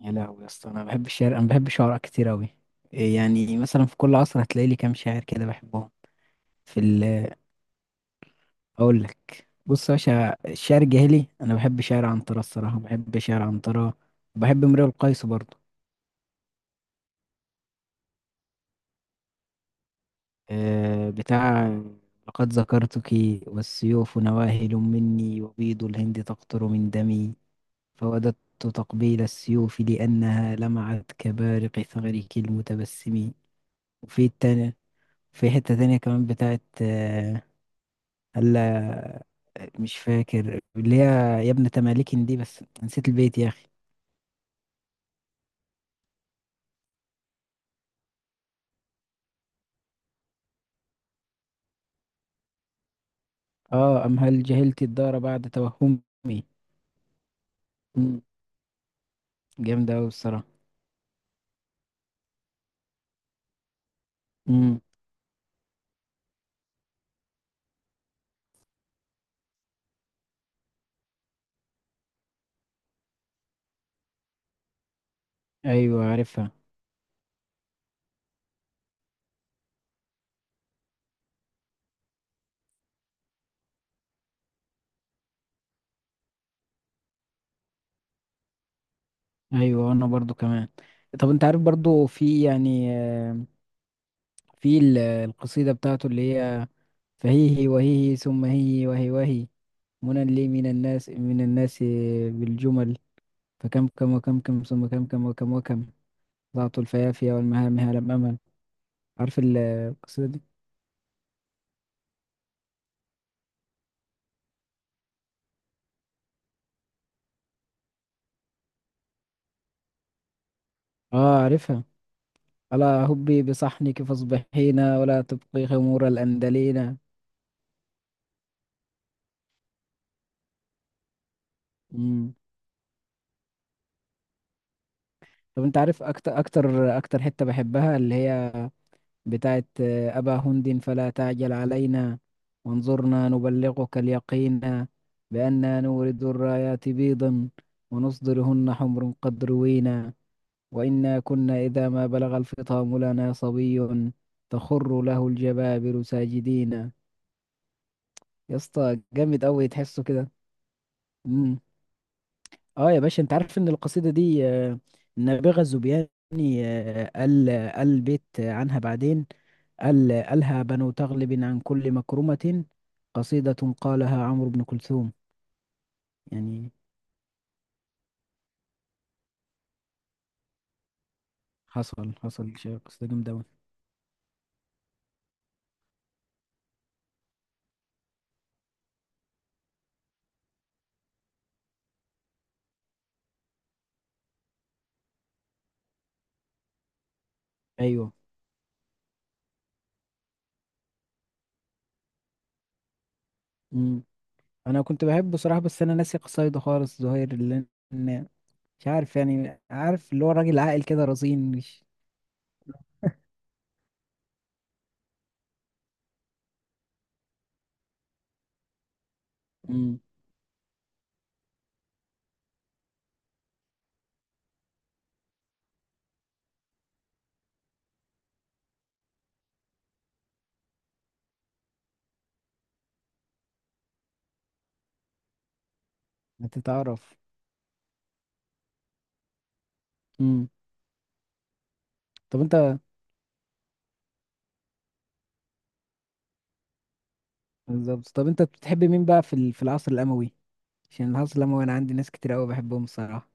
يا لهوي يا اسطى، انا بحب الشعر، انا بحب شعراء كتير اوي. إيه يعني مثلا في كل عصر هتلاقي لي كام شاعر كده بحبهم. في ال اقول لك، بص يا باشا، الشعر الجاهلي انا بحب شعر عنترة، الصراحه بحب شعر عنترة، وبحب امرؤ القيس برضه. أه بتاع لقد ذكرتك، والسيوف نواهل مني وبيض الهند تقطر من دمي، فوددت تقبيل السيوف لأنها لمعت كبارق ثغرك المتبسم. وفي التانية، في حتة تانية كمان بتاعت هلا، مش فاكر اللي هي، يا ابن تمالكن دي، بس نسيت البيت يا أخي. اه، أم هل جهلت الدار بعد توهمي. مم. جامدة أوي الصراحة. امم. أيوة عارفها. أيوة أنا برضو كمان. طب أنت عارف برضو، في يعني، القصيدة بتاعته اللي هي: فهيه وهيه ثم هيه وهي وهي، منى لي من الناس من الناس، بالجمل، فكم كم وكم كم ثم كم كم وكم وكم، ضعت الفيافية والمهامها لم أمل. عارف القصيدة دي؟ اه عارفها. ألا هبي بصحنك فاصبحينا، ولا تبقي خمور الأندلينا. مم. طب انت عارف، اكتر اكتر اكتر حتة بحبها اللي هي بتاعت أبا هند فلا تعجل علينا، وانظرنا نبلغك اليقين، بأننا نورد الرايات بيضا، ونصدرهن حمر قد روينا، وإنا كنا إذا ما بلغ الفطام لنا صبي، تخر له الجبابر ساجدين. يا اسطى جامد قوي، تحسه كده. امم. اه يا باشا، انت عارف ان القصيده دي النابغه الزبياني قال، قال بيت عنها بعدين، قالها بنو تغلب عن كل مكرمه، قصيده قالها عمرو بن كلثوم. يعني حصل شيء، قصيده جامده قوي. ايوه. امم. انا كنت بحبه بصراحه، بس انا ناسي قصايده خالص، زهير، لان مش عارف، يعني عارف اللي هو راجل عاقل كده رزين، مش... امم. هتتعرف. امم. طب انت بالظبط، طب انت بتحب مين بقى في في العصر الأموي؟ عشان العصر الأموي انا عندي ناس كتير قوي بحبهم الصراحة.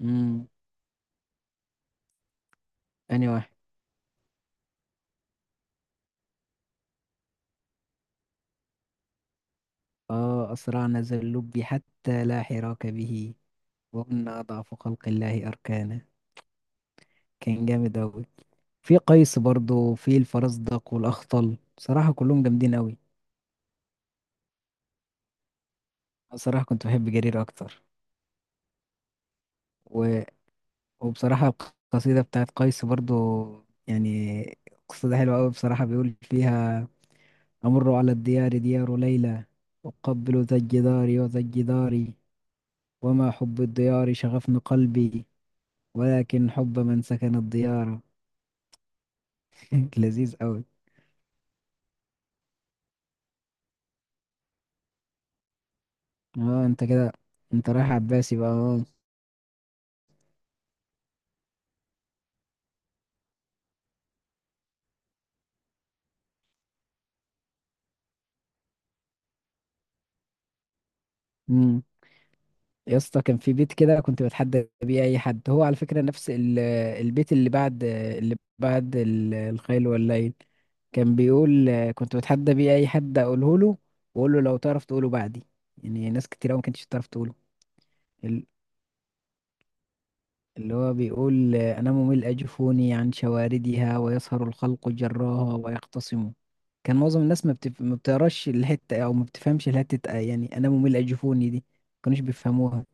امم. اني واحد. اه اسرعنا ذا اللب حتى لا حراك به، وكنا اضعف خلق الله اركانا. كان جامد قوي. في قيس برضو، في الفرزدق والاخطل، بصراحة كلهم جامدين قوي. بصراحة كنت بحب جرير اكتر. و... وبصراحة، القصيدة بتاعت قيس برضو، يعني قصيدة حلوة قوي، بصراحة بيقول فيها: أمر على الديار ديار ليلى، أقبل ذا الجدار وذا الجدار، وما حب الديار شغفن قلبي، ولكن حب من سكن الديار. لذيذ أوي. اه انت كده، انت رايح عباسي بقى، اه. امم. يا اسطى كان في بيت كده كنت بتحدى بيه اي حد، هو على فكره نفس البيت اللي بعد اللي بعد الخيل والليل، كان بيقول، كنت بتحدى بيه اي حد اقوله له، واقول له لو تعرف تقوله بعدي، يعني ناس كتير أوي ما كانتش تعرف تقوله. اللي هو بيقول أنا ممل أجفوني عن شواردها، ويسهر الخلق جراها ويختصموا. كان معظم الناس ما بتقراش الحتة، أو ما بتفهمش الحتة، يعني أنا ممل أجفوني دي ما كانوش بيفهموها.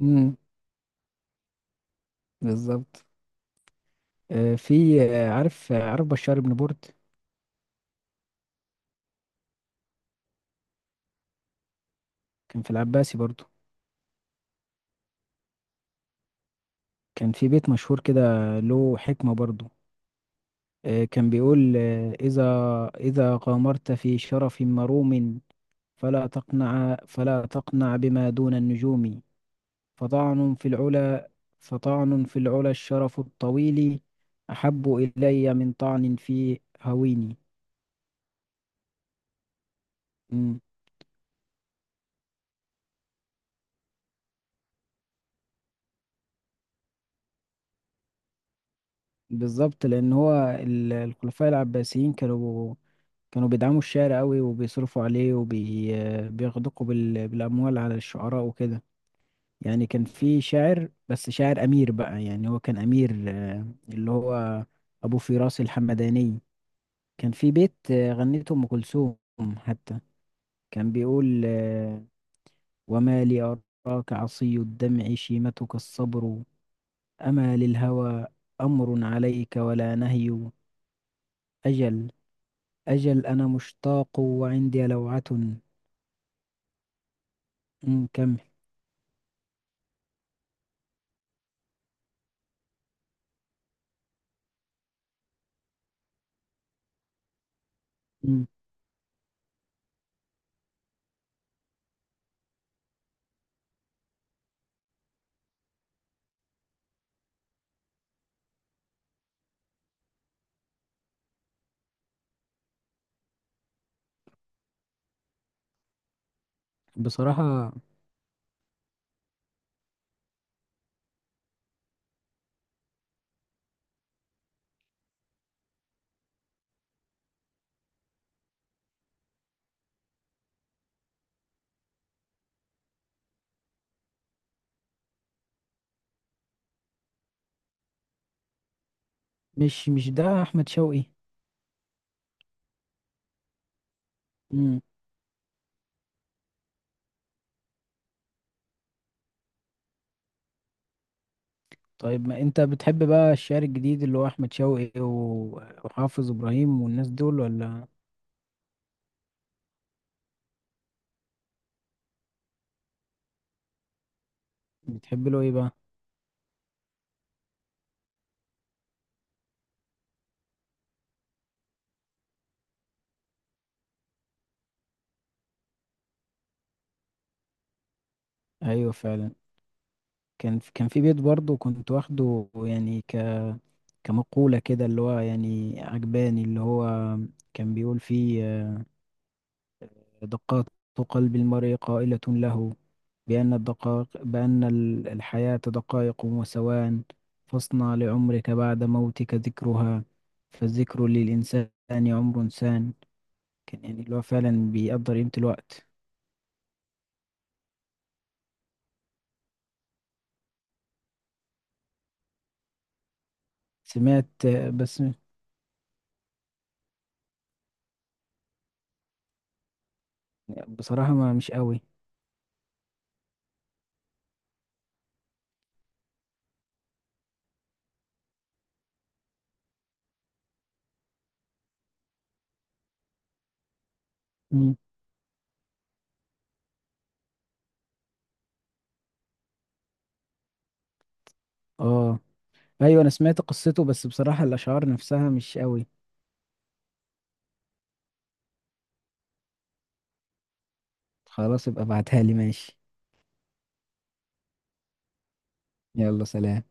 امم. بالظبط. آه، في آه، عارف آه، عارف بشار بن برد؟ كان في العباسي برضو. كان في بيت مشهور كده، له حكمة برضو. كان بيقول: إذا غامرت في شرف مروم، فلا تقنع بما دون النجوم، فطعن في العلا فطعن في العلا الشرف الطويل، أحب إلي من طعن في هويني. مم. بالظبط، لأن هو الخلفاء العباسيين كانوا بيدعموا الشعر قوي، وبيصرفوا عليه، وبيغدقوا بالأموال على الشعراء وكده. يعني كان في شاعر، بس شاعر أمير بقى، يعني هو كان أمير اللي هو أبو فراس الحمداني، كان في بيت غنته أم كلثوم، حتى كان بيقول: وما لي أراك عصي الدمع شيمتك الصبر، أما للهوى أمر عليك ولا نهي، أجل أجل أنا مشتاق وعندي لوعة. كمل. أمم، بصراحة، مش ده أحمد شوقي؟ أمم، طيب، ما أنت بتحب بقى الشعر الجديد اللي هو أحمد شوقي وحافظ إبراهيم والناس دول ولا؟ بتحب له إيه بقى؟ أيوه فعلا. كان في بيت برضه كنت واخده، يعني ك، كمقولة كده، اللي هو يعني عجباني، اللي هو كان بيقول فيه دقات قلب المرء قائلة له، بأن الحياة دقائق وثوان، فاصنع لعمرك بعد موتك ذكرها، فالذكر للإنسان عمر سان، كان يعني اللي هو فعلا بيقدر قيمة الوقت. سمعت بس بصراحة ما مش قوي. مم. اه ايوه، انا سمعت قصته، بس بصراحة الاشعار نفسها مش قوي. خلاص، ابقى ابعتها لي، ماشي. يلا سلام.